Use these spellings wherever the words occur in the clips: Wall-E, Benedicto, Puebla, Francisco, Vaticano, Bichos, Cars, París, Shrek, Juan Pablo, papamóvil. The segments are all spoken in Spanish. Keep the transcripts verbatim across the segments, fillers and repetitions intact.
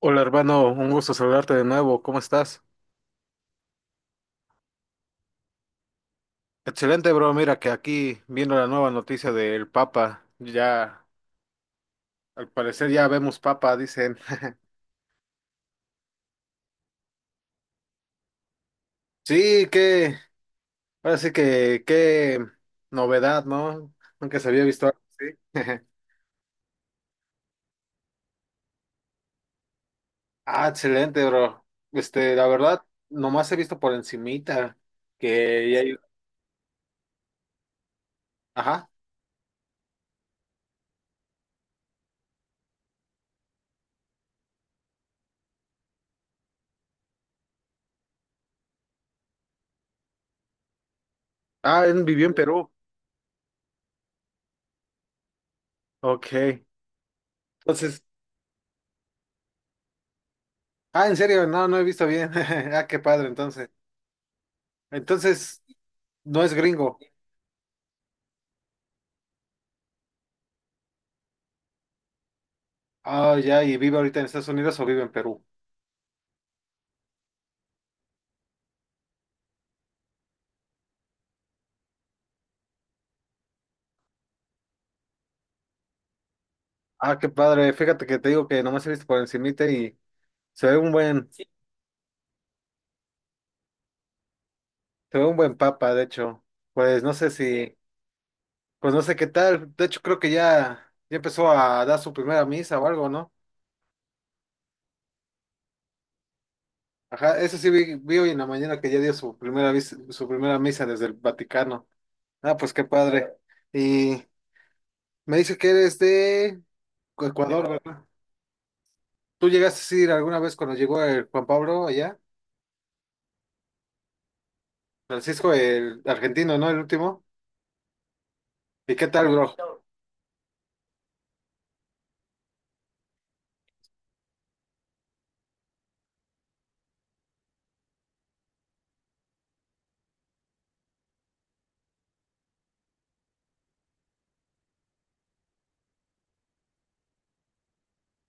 Hola hermano, un gusto saludarte de nuevo, ¿cómo estás? Excelente bro, mira que aquí viendo la nueva noticia del Papa, ya al parecer ya vemos Papa, dicen. Sí, que, ahora sí que, qué novedad, ¿no? Nunca se había visto algo así. Ah, excelente bro. Este, la verdad, nomás he visto por encimita que ya hay- Ajá. Ah, él vivió en Perú. Ok. Entonces, ah, en serio, no, no he visto bien. Ah, qué padre, entonces. Entonces, no es gringo. Ah, ya, y vive ahorita en Estados Unidos o vive en Perú. Ah, qué padre. Fíjate que te digo que nomás he visto por encimita y se ve un buen, se ve un buen papa, de hecho. Pues no sé si, pues no sé qué tal. De hecho, creo que ya, ya empezó a dar su primera misa o algo, ¿no? Ajá, eso sí vi, vi hoy en la mañana que ya dio su primera misa, su primera misa desde el Vaticano. Ah, pues qué padre. Y me dice que eres de Ecuador, ¿verdad? ¿Tú llegaste a ir alguna vez cuando llegó el Juan Pablo allá? Francisco, el argentino, ¿no? El último. ¿Y qué tal, bro?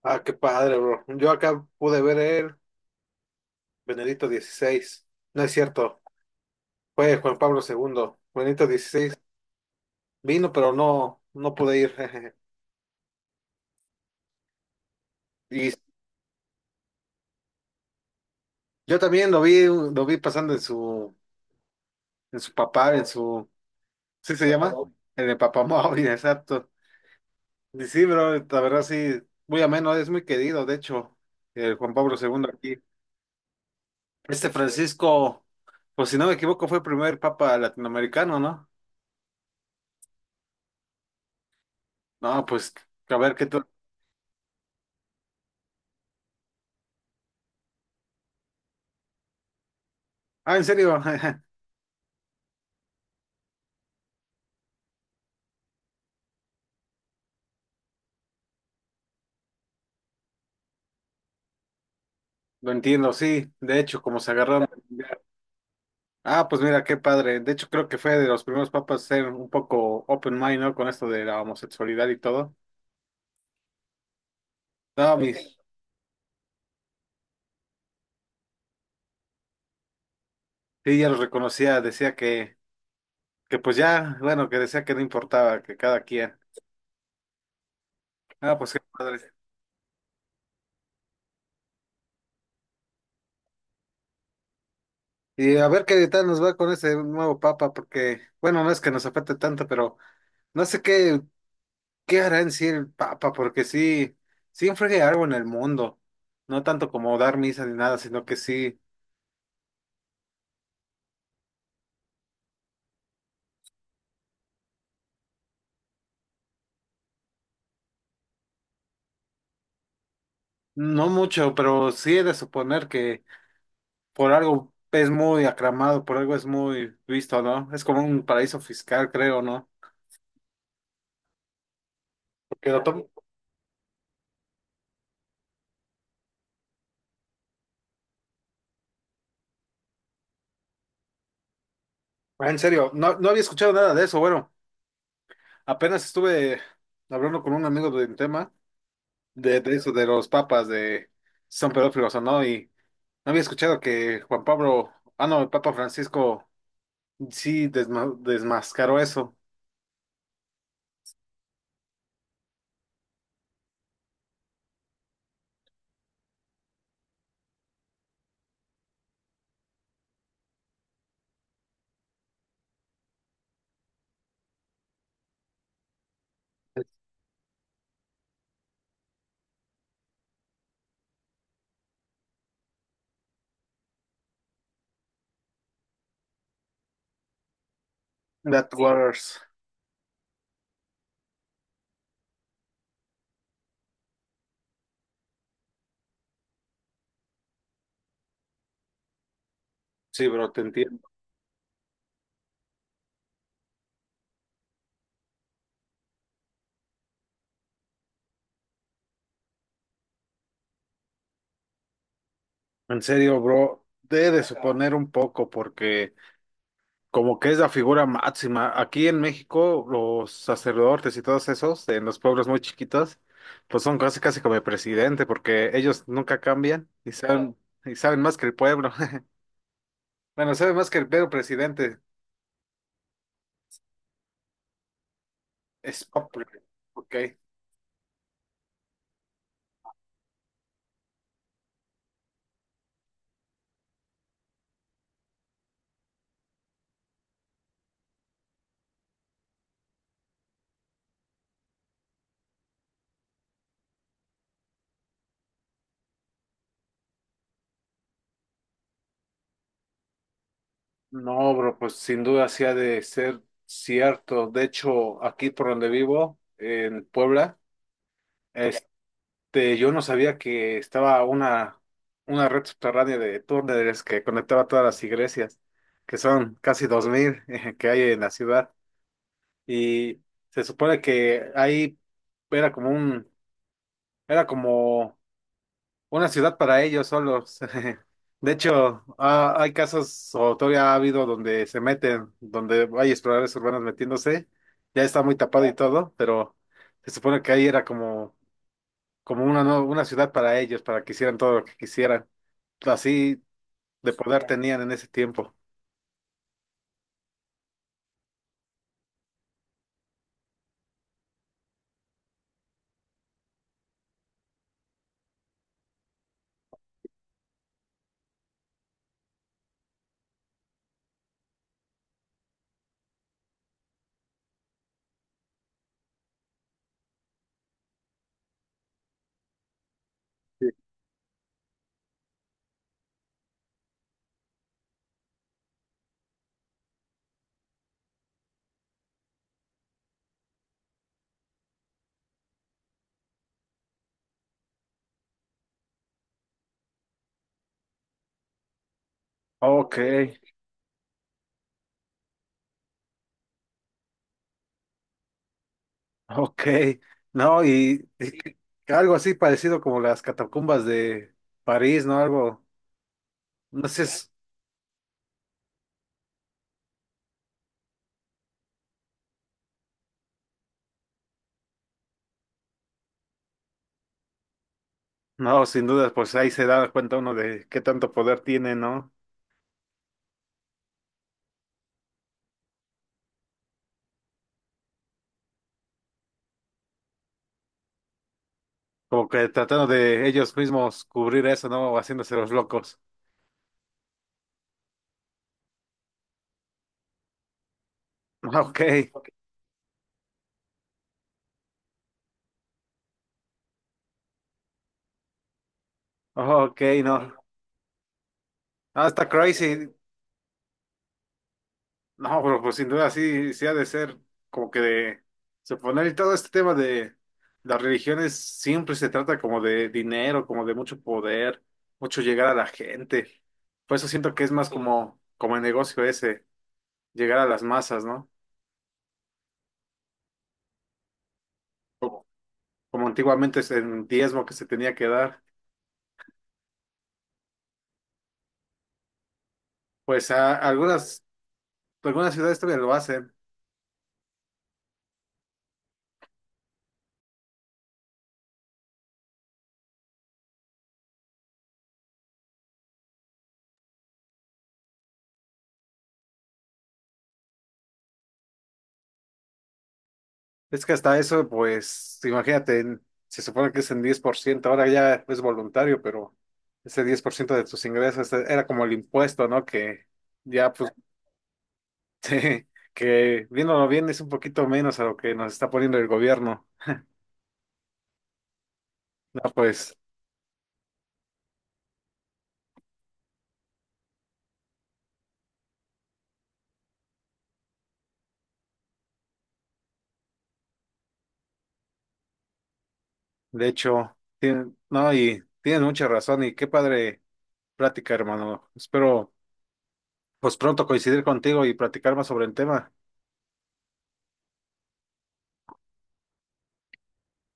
Ah, qué padre, bro. Yo acá pude ver el Benedicto dieciséis. No es cierto, fue Juan Pablo segundo. Benedicto dieciséis vino, pero no, no pude ir. Y yo también lo vi, lo vi pasando en su, en su papá, en su, ¿sí se llama? En el papamóvil, exacto. Y sí, bro, la verdad sí, muy ameno, es muy querido, de hecho, el Juan Pablo segundo aquí. Este Francisco, pues si no me equivoco, fue el primer papa latinoamericano, ¿no? No, pues a ver qué tal. Ah, en serio, lo entiendo, sí. De hecho, como se agarraron. Ah, pues mira, qué padre. De hecho, creo que fue de los primeros papas a ser un poco open mind, ¿no? Con esto de la homosexualidad y todo. No, mis, sí, ya los reconocía, decía que, que pues ya, bueno, que decía que no importaba, que cada quien. Ah, pues qué padre. Y a ver qué tal nos va con ese nuevo papa, porque, bueno, no es que nos afecte tanto, pero no sé qué. ¿Qué hará en sí el Papa? Porque sí, sí influye algo en el mundo. No tanto como dar misa ni nada, sino que sí, no mucho, pero sí he de suponer que por algo es muy aclamado, por algo es muy visto, ¿no? Es como un paraíso fiscal, creo, ¿no? Porque lo tomo- Ah, en serio, no, no había escuchado nada de eso. Bueno, apenas estuve hablando con un amigo de un tema de, de eso, de los papas, de si son pedófilos o no, y no había escuchado que Juan Pablo, ah, no, el Papa Francisco. Sí, desma- desmascaró eso. That Waters. Sí, bro, te entiendo. En serio, bro, debe de suponer un poco porque como que es la figura máxima. Aquí en México, los sacerdotes y todos esos, en los pueblos muy chiquitos, pues son casi casi como el presidente porque ellos nunca cambian y saben, y saben más que el pueblo. Bueno, saben más que el pueblo presidente. Es popular. Ok. No, bro, pues sin duda sí ha de ser cierto. De hecho, aquí por donde vivo, en Puebla, este, yo no sabía que estaba una, una red subterránea de túneles que conectaba todas las iglesias, que son casi dos mil que hay en la ciudad. Y se supone que ahí era como un, era como una ciudad para ellos solos. De hecho, ah, hay casos, o todavía ha habido donde se meten, donde hay exploradores urbanos metiéndose, ya está muy tapado y todo, pero se supone que ahí era como, como una, nue- una ciudad para ellos, para que hicieran todo lo que quisieran. Así de poder tenían en ese tiempo. Ok, ok. No, y, y que- algo así parecido como las catacumbas de París, ¿no? Algo, no sé. No, sin dudas, pues ahí se da cuenta uno de qué tanto poder tiene, ¿no? Como que tratando de ellos mismos cubrir eso, ¿no? O haciéndose los locos. Ah, ok, ok, no. Ah, está crazy. No, pero pues sin duda sí, sí ha de ser como que de suponer y todo este tema de las religiones siempre se trata como de dinero, como de mucho poder, mucho llegar a la gente. Por eso siento que es más como, como el negocio ese, llegar a las masas, ¿no? Como antiguamente es el diezmo que se tenía que dar. Pues a, algunas, algunas ciudades todavía lo hacen. Es que hasta eso, pues, imagínate, en- se supone que es en diez por ciento. Ahora ya es voluntario, pero ese diez por ciento de tus ingresos eh, era como el impuesto, ¿no? Que ya, pues, te- que viéndolo bien es un poquito menos a lo que nos está poniendo el gobierno. No, pues, de hecho, tienen, no, y tienen mucha razón y qué padre plática, hermano. Espero pues pronto coincidir contigo y platicar más sobre el tema.